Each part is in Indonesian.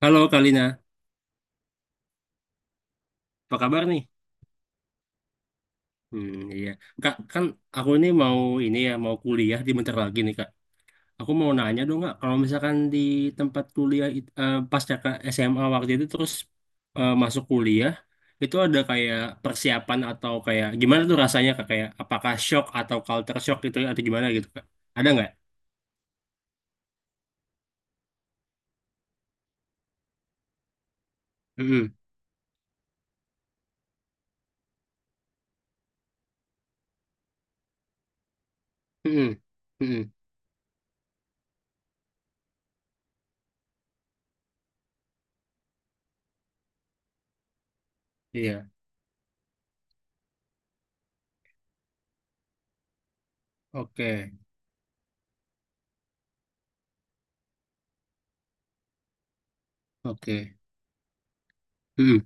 Halo Kalina, apa kabar nih? Hmm, iya. Kak, kan aku ini mau ini ya, mau kuliah di bentar lagi nih Kak. Aku mau nanya dong Kak, kalau misalkan di tempat kuliah pasca Kak SMA waktu itu terus masuk kuliah, itu ada kayak persiapan atau kayak gimana tuh rasanya Kak? Kayak apakah shock atau culture shock gitu atau gimana gitu Kak? Ada nggak? Mm-mm. Mm-mm. Mm-mm. Iya. Oke. Oke. Mm-mm.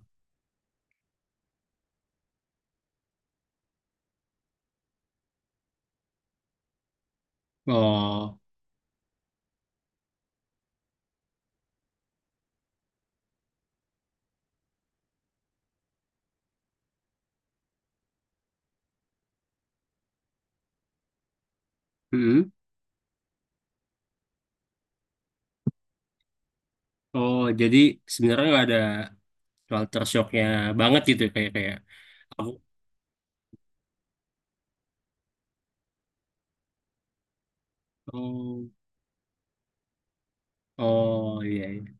Oh. Mm-mm. Oh, jadi sebenarnya nggak ada culture shocknya banget gitu kayak kayak aku oh oh iya, iya.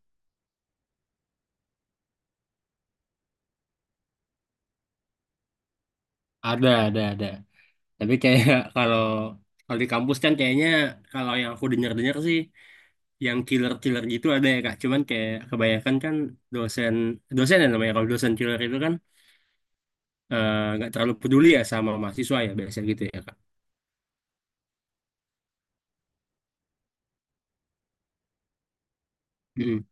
Ada ada tapi kayak kalau kalau di kampus kan kayaknya kalau yang aku dengar dengar sih yang killer killer gitu ada ya kak cuman kayak kebanyakan kan dosen dosen ya namanya kalau dosen killer itu kan nggak terlalu peduli ya sama mahasiswa ya biasanya gitu ya kak. Mm.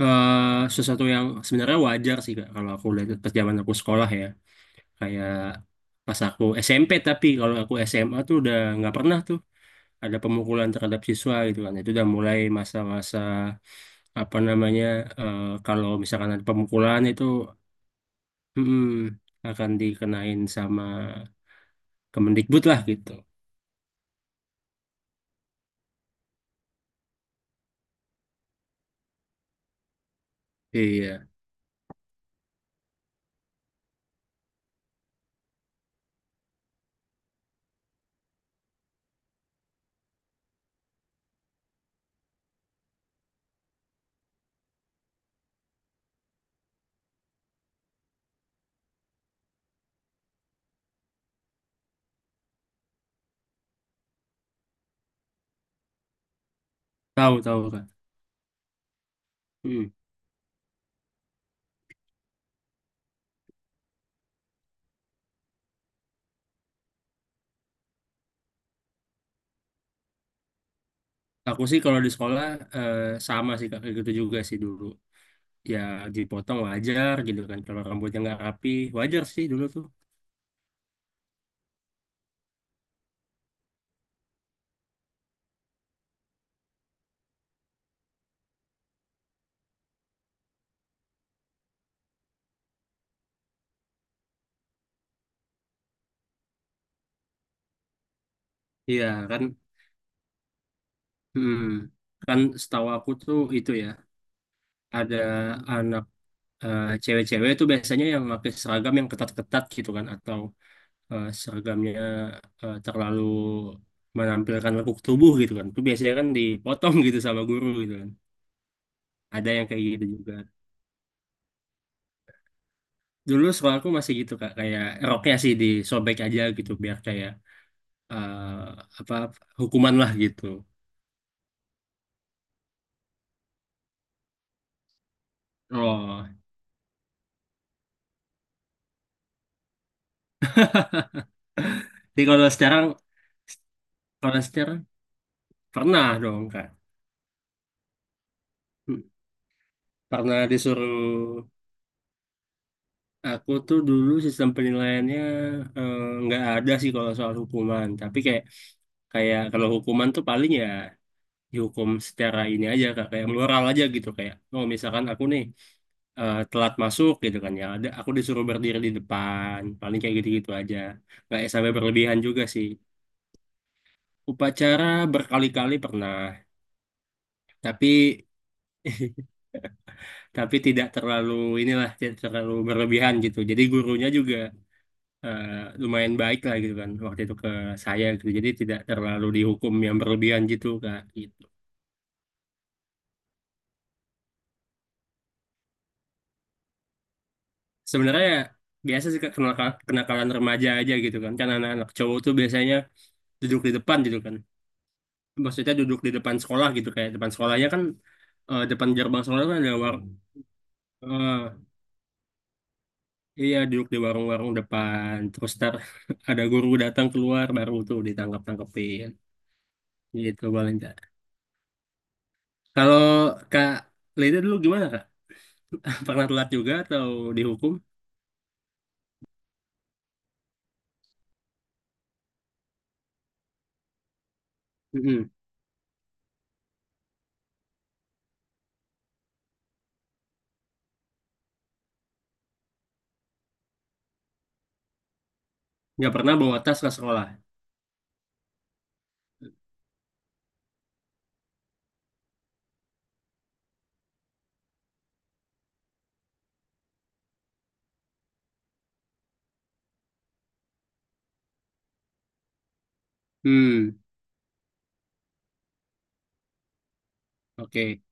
Sesuatu yang sebenarnya wajar sih kak kalau aku lihat pas zaman aku sekolah ya, kayak pas aku SMP. Tapi kalau aku SMA tuh udah nggak pernah tuh ada pemukulan terhadap siswa gitu kan. Itu udah mulai masa-masa apa namanya, eh, kalau misalkan ada pemukulan itu mm, akan dikenain sama Kemendikbud lah gitu. Iya, tahu tahu kan. Aku sih kalau di sekolah eh, sama sih Kak, kayak gitu juga sih dulu. Ya, dipotong wajar gitu kan kalau rambutnya nggak rapi, wajar sih dulu tuh. Iya kan. Hmm, kan setahu aku tuh itu ya ada anak cewek-cewek tuh biasanya yang pakai seragam yang ketat-ketat gitu kan, atau seragamnya terlalu menampilkan lekuk tubuh gitu kan. Itu biasanya kan dipotong gitu sama guru gitu kan. Ada yang kayak gitu juga. Dulu sekolah aku masih gitu Kak, kayak roknya sih disobek aja gitu biar kayak eh, apa, hukuman lah gitu. Oh, jadi kalau sekarang, kalau sekarang pernah dong Kak. Hmm. Karena disuruh, aku tuh dulu sistem penilaiannya eh, nggak ada sih kalau soal hukuman. Tapi kayak kayak kalau hukuman tuh paling ya dihukum secara ini aja kak kayak moral aja gitu, kayak oh misalkan aku nih telat masuk gitu kan, ya ada aku disuruh berdiri di depan paling kayak gitu-gitu aja, nggak ya sampai berlebihan juga sih. Upacara berkali-kali pernah, tapi tapi tidak terlalu inilah, tidak terlalu berlebihan gitu, jadi gurunya juga eh, lumayan baik lah gitu kan waktu itu ke saya gitu, jadi tidak terlalu dihukum yang berlebihan gitu kak gitu. Sebenarnya biasa sih Kak, kenakalan remaja aja gitu kan, kan anak-anak cowok tuh biasanya duduk di depan gitu kan, maksudnya duduk di depan sekolah gitu kayak depan sekolahnya kan depan gerbang sekolah kan ada war, eh, iya duduk di warung-warung depan terus ntar ada guru datang keluar baru tuh ditangkap-tangkepin gitu paling Kak. Kalau kak Leda dulu gimana kak, pernah telat juga atau dihukum? Mm-mm. Nggak pernah bawa tas ke sekolah. Hmm, oke.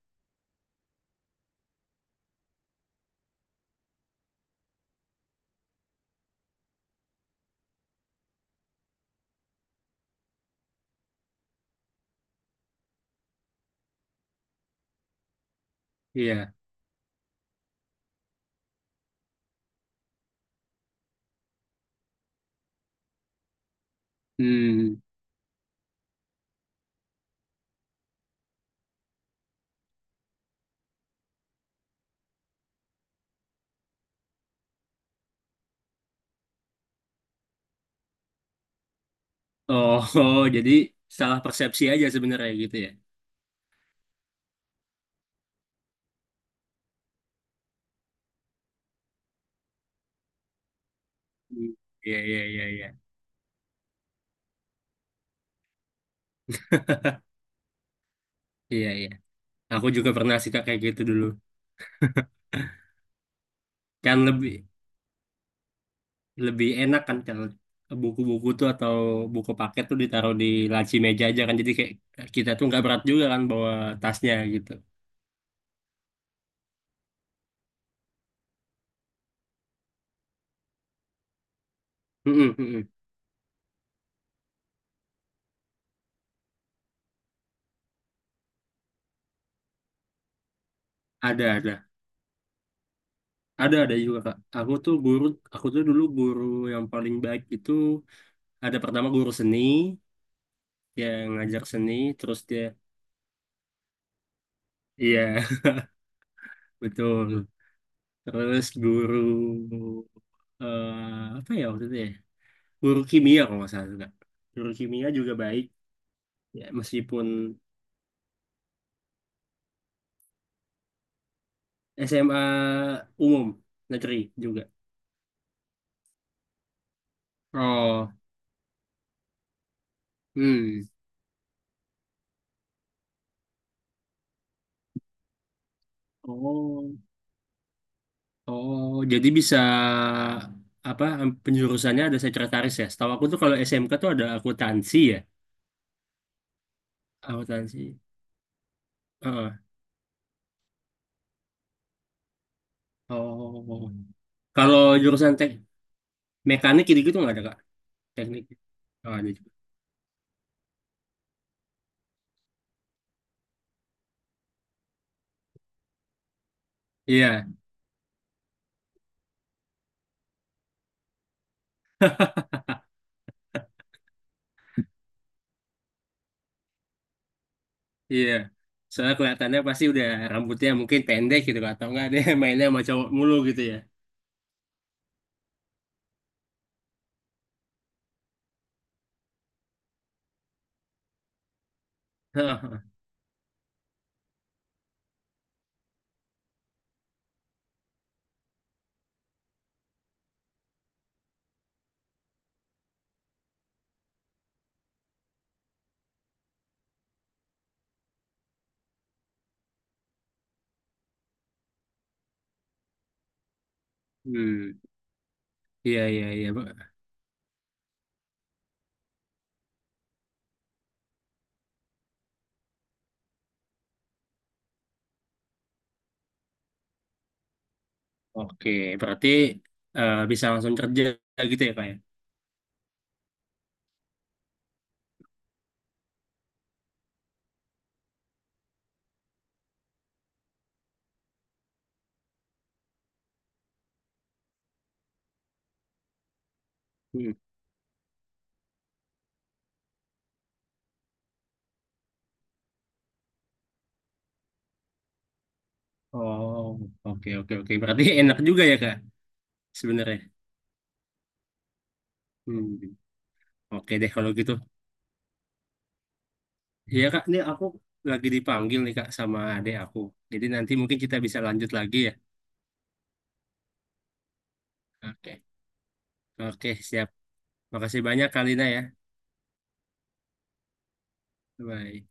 Iya. Hmm, oh, oh, jadi salah persepsi aja sebenarnya gitu ya. Hmm. Iya, iya, iya, iya, iya, iya. Aku juga pernah sih Kak, kayak gitu dulu. Kan lebih lebih enak kan kalau buku-buku tuh atau buku paket tuh ditaruh di laci meja aja kan. Jadi kayak kita tuh nggak berat juga kan bawa tasnya gitu. Mm-mm, mm-mm. Ada, ada. Ada juga, Kak. Aku tuh guru, aku tuh dulu guru yang paling baik itu ada pertama guru seni, yang ngajar seni, terus dia, iya, betul. Terus guru apa ya waktu itu ya? Guru kimia kalau nggak salah juga. Guru kimia juga baik, ya meskipun SMA umum negeri juga. Oh, hmm. Oh. Oh, jadi bisa apa penjurusannya ada sekretaris ya? Setahu aku tuh kalau SMK tuh ada akuntansi ya, akuntansi. Heeh. Oh, kalau jurusan mekanik gitu-gitu nggak ada Kak? Teknik? Oh, ada juga. Iya, iya. Soalnya kelihatannya pasti udah rambutnya mungkin pendek gitu Kak, atau nggak ada mainnya sama cowok mulu gitu ya. Heeh. Hmm, iya iya iya. Pak. Oke, berarti bisa langsung kerja gitu ya Kak ya? Hmm. Oh, oke oke oke. Berarti enak juga ya Kak sebenarnya. Hmm. Oke deh kalau gitu. Iya Kak, ini aku lagi dipanggil nih Kak sama adek aku. Jadi nanti mungkin kita bisa lanjut lagi ya. Oke. Oke, siap. Makasih banyak Kalina ya. Bye.